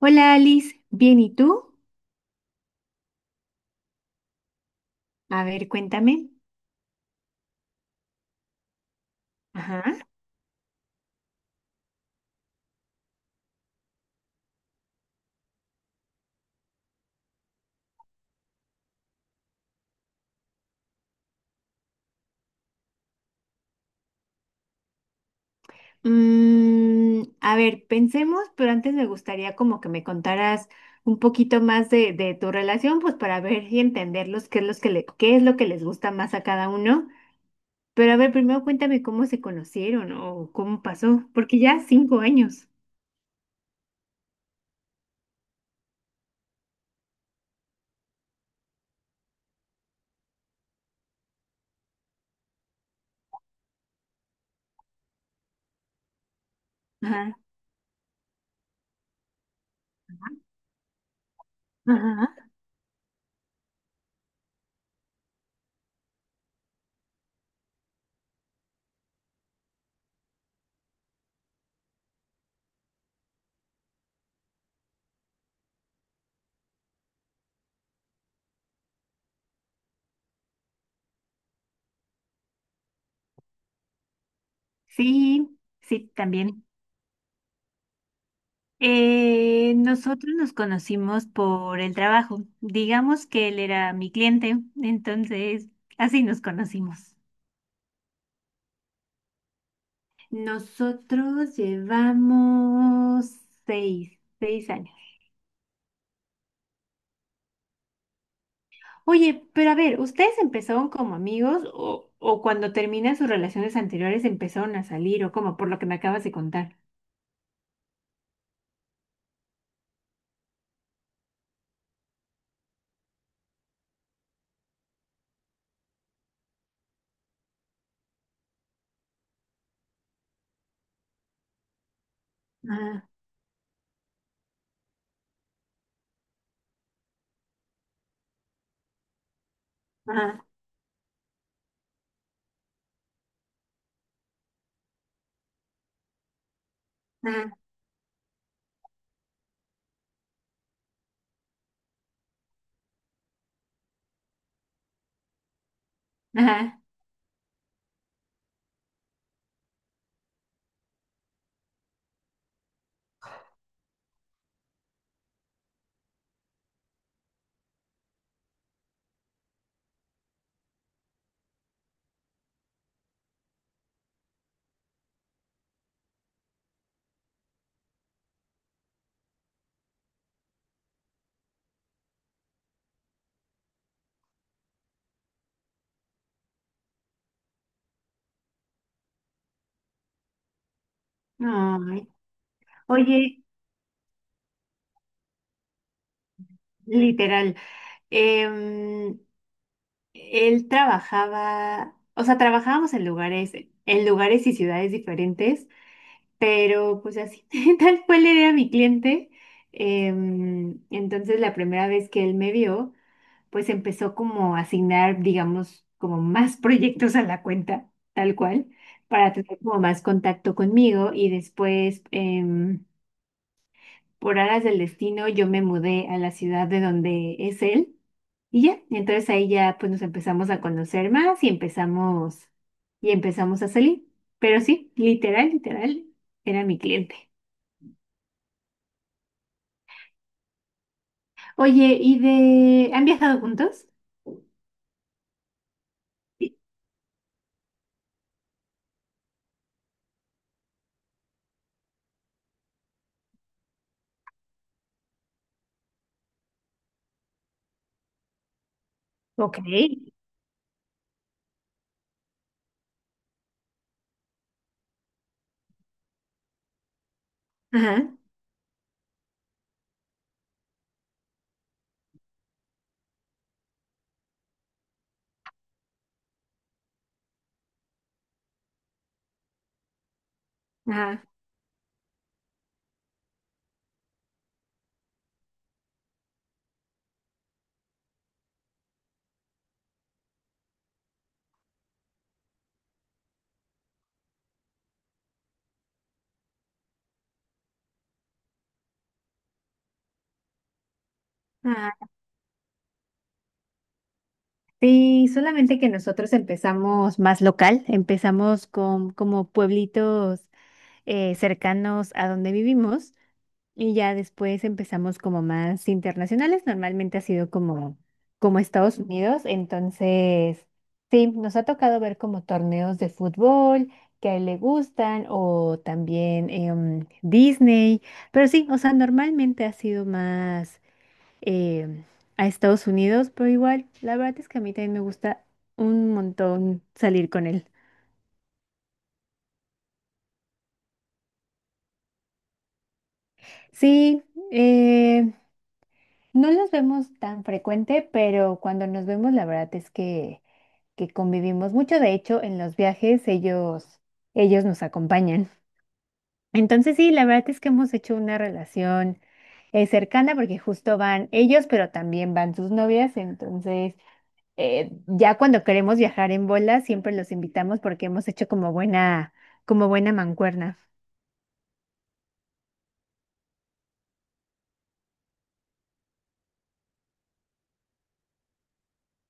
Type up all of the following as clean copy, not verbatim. Hola Alice, bien, ¿y tú? A ver, cuéntame. Ajá. A ver, pensemos, pero antes me gustaría como que me contaras un poquito más de tu relación, pues para ver y entenderlos qué es lo que les gusta más a cada uno. Pero a ver, primero cuéntame cómo se conocieron o cómo pasó, porque ya 5 años. Ajá. Ajá. Sí, sí, también. Nosotros nos conocimos por el trabajo. Digamos que él era mi cliente, entonces así nos conocimos. Nosotros llevamos seis años. Oye, pero a ver, ¿ustedes empezaron como amigos o cuando terminan sus relaciones anteriores empezaron a salir o como por lo que me acabas de contar? Ajá, ajá, ajá, ajá. Ay. Oye, literal. em, Él trabajaba, o sea, trabajábamos en lugares y ciudades diferentes, pero pues así, tal cual era mi cliente. Entonces, la primera vez que él me vio, pues empezó como a asignar, digamos, como más proyectos a la cuenta, tal cual, para tener como más contacto conmigo y después, por aras del destino, yo me mudé a la ciudad de donde es él. Y ya, entonces ahí ya pues nos empezamos a conocer más y empezamos a salir. Pero sí, literal, literal, era mi cliente. Oye, ¿Han viajado juntos? Sí. Ok. Ajá, ajá, ajá. Sí, solamente que nosotros empezamos más local, empezamos con como pueblitos cercanos a donde vivimos. Y ya después empezamos como más internacionales. Normalmente ha sido como Estados Unidos. Entonces, sí, nos ha tocado ver como torneos de fútbol que a él le gustan o también Disney. Pero sí, o sea, normalmente ha sido más em, a Estados Unidos, pero igual, la verdad es que a mí también me gusta un montón salir con él. Sí, eh, no los vemos tan frecuente, pero cuando nos vemos, la verdad es que convivimos mucho. De hecho, en los viajes ellos, ellos nos acompañan. Entonces, sí, la verdad es que hemos hecho una relación cercana porque justo van ellos, pero también van sus novias. Entonces, ya cuando queremos viajar en bola, siempre los invitamos porque hemos hecho como buena mancuerna.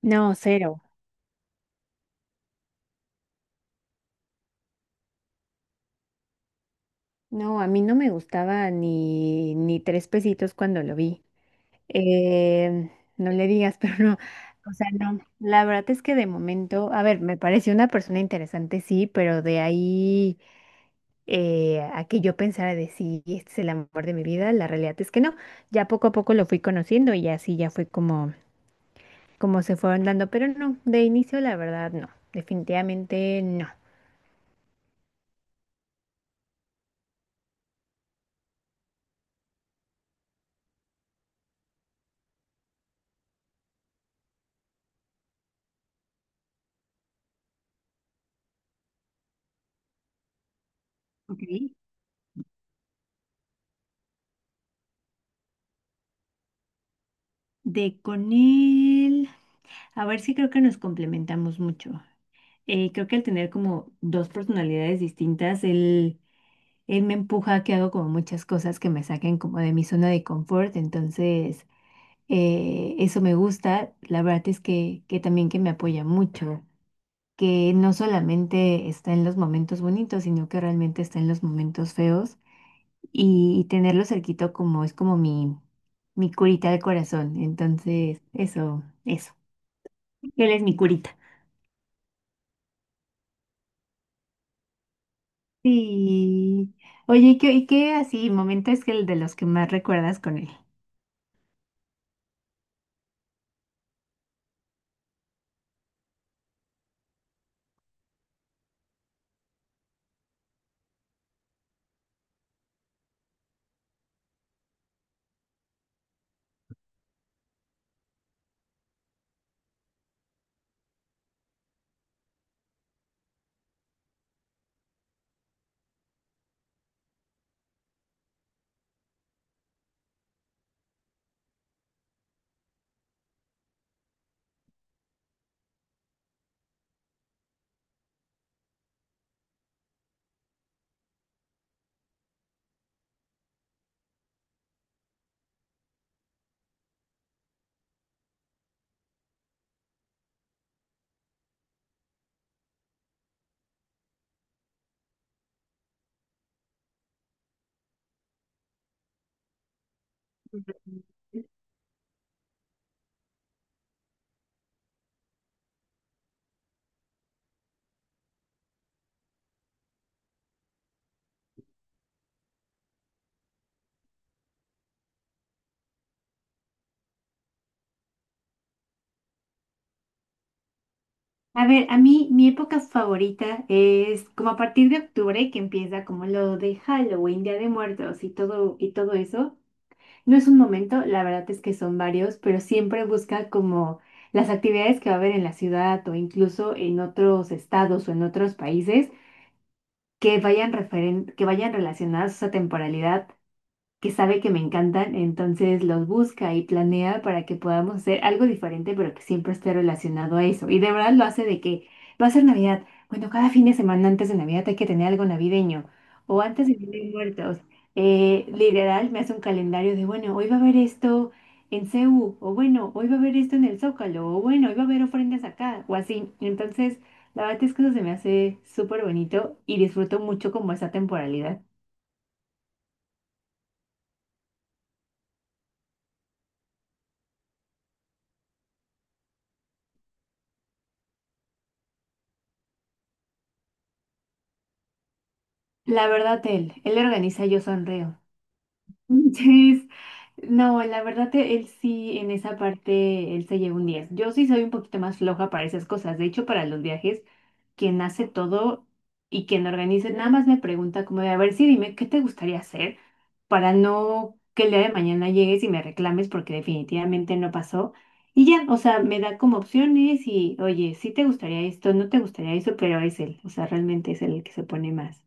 No, cero. No, a mí no me gustaba ni tres pesitos cuando lo vi. Eh, no le digas, pero no. O sea, no. La verdad es que de momento, a ver, me pareció una persona interesante, sí, pero de ahí a que yo pensara de sí, este es el amor de mi vida, la realidad es que no. Ya poco a poco lo fui conociendo y así ya fue como se fueron dando, pero no, de inicio la verdad no, definitivamente no. Ok. De con él, a ver, si creo que nos complementamos mucho. Creo que al tener como dos personalidades distintas, él me empuja a que hago como muchas cosas que me saquen como de mi zona de confort, entonces eso me gusta. La verdad es que también que me apoya mucho, que no solamente está en los momentos bonitos, sino que realmente está en los momentos feos y tenerlo cerquito como es como mi curita del corazón. Entonces, eso, eso. Él es mi curita. Sí. Oye, y qué así momentos que el de los que más recuerdas con él? A ver, a mí mi época favorita es como a partir de octubre, que empieza como lo de Halloween, Día de Muertos y todo eso. No es un momento, la verdad es que son varios, pero siempre busca como las actividades que va a haber en la ciudad o incluso en otros estados o en otros países que vayan relacionadas a esa temporalidad, que sabe que me encantan, entonces los busca y planea para que podamos hacer algo diferente, pero que siempre esté relacionado a eso. Y de verdad lo hace de que va a ser Navidad. Bueno, cada fin de semana antes de Navidad hay que tener algo navideño. O antes de Día de Muertos. Literal, me hace un calendario de, bueno, hoy va a haber esto en CU, o bueno, hoy va a haber esto en el Zócalo, o bueno, hoy va a haber ofrendas acá, o así. Entonces, la verdad es que eso se me hace súper bonito y disfruto mucho como esa temporalidad. La verdad, él organiza, yo sonreo. Entonces, no, la verdad, él sí, en esa parte, él se lleva un 10. Yo sí soy un poquito más floja para esas cosas. De hecho, para los viajes, quien hace todo y quien organiza, nada más me pregunta como de, a ver, sí, dime, ¿qué te gustaría hacer? Para no que el día de mañana llegues y me reclames porque definitivamente no pasó. Y ya, o sea, me da como opciones y, oye, sí te gustaría esto, no te gustaría eso, pero es él, o sea, realmente es él el que se pone más.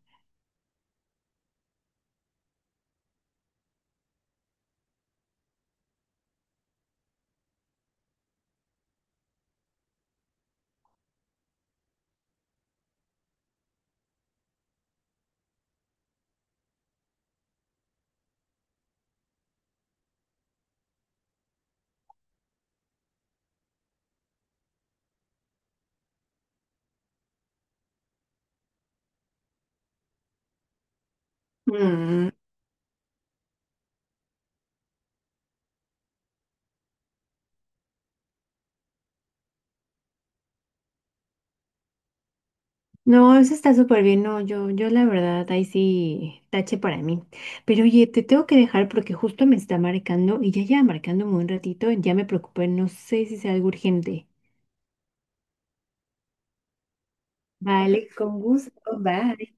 No, eso está súper bien. No, yo la verdad, ahí sí, tache para mí. Pero oye, te tengo que dejar porque justo me está marcando y ya lleva marcándome un ratito, ya me preocupé, no sé si sea algo urgente. Vale, con gusto, bye.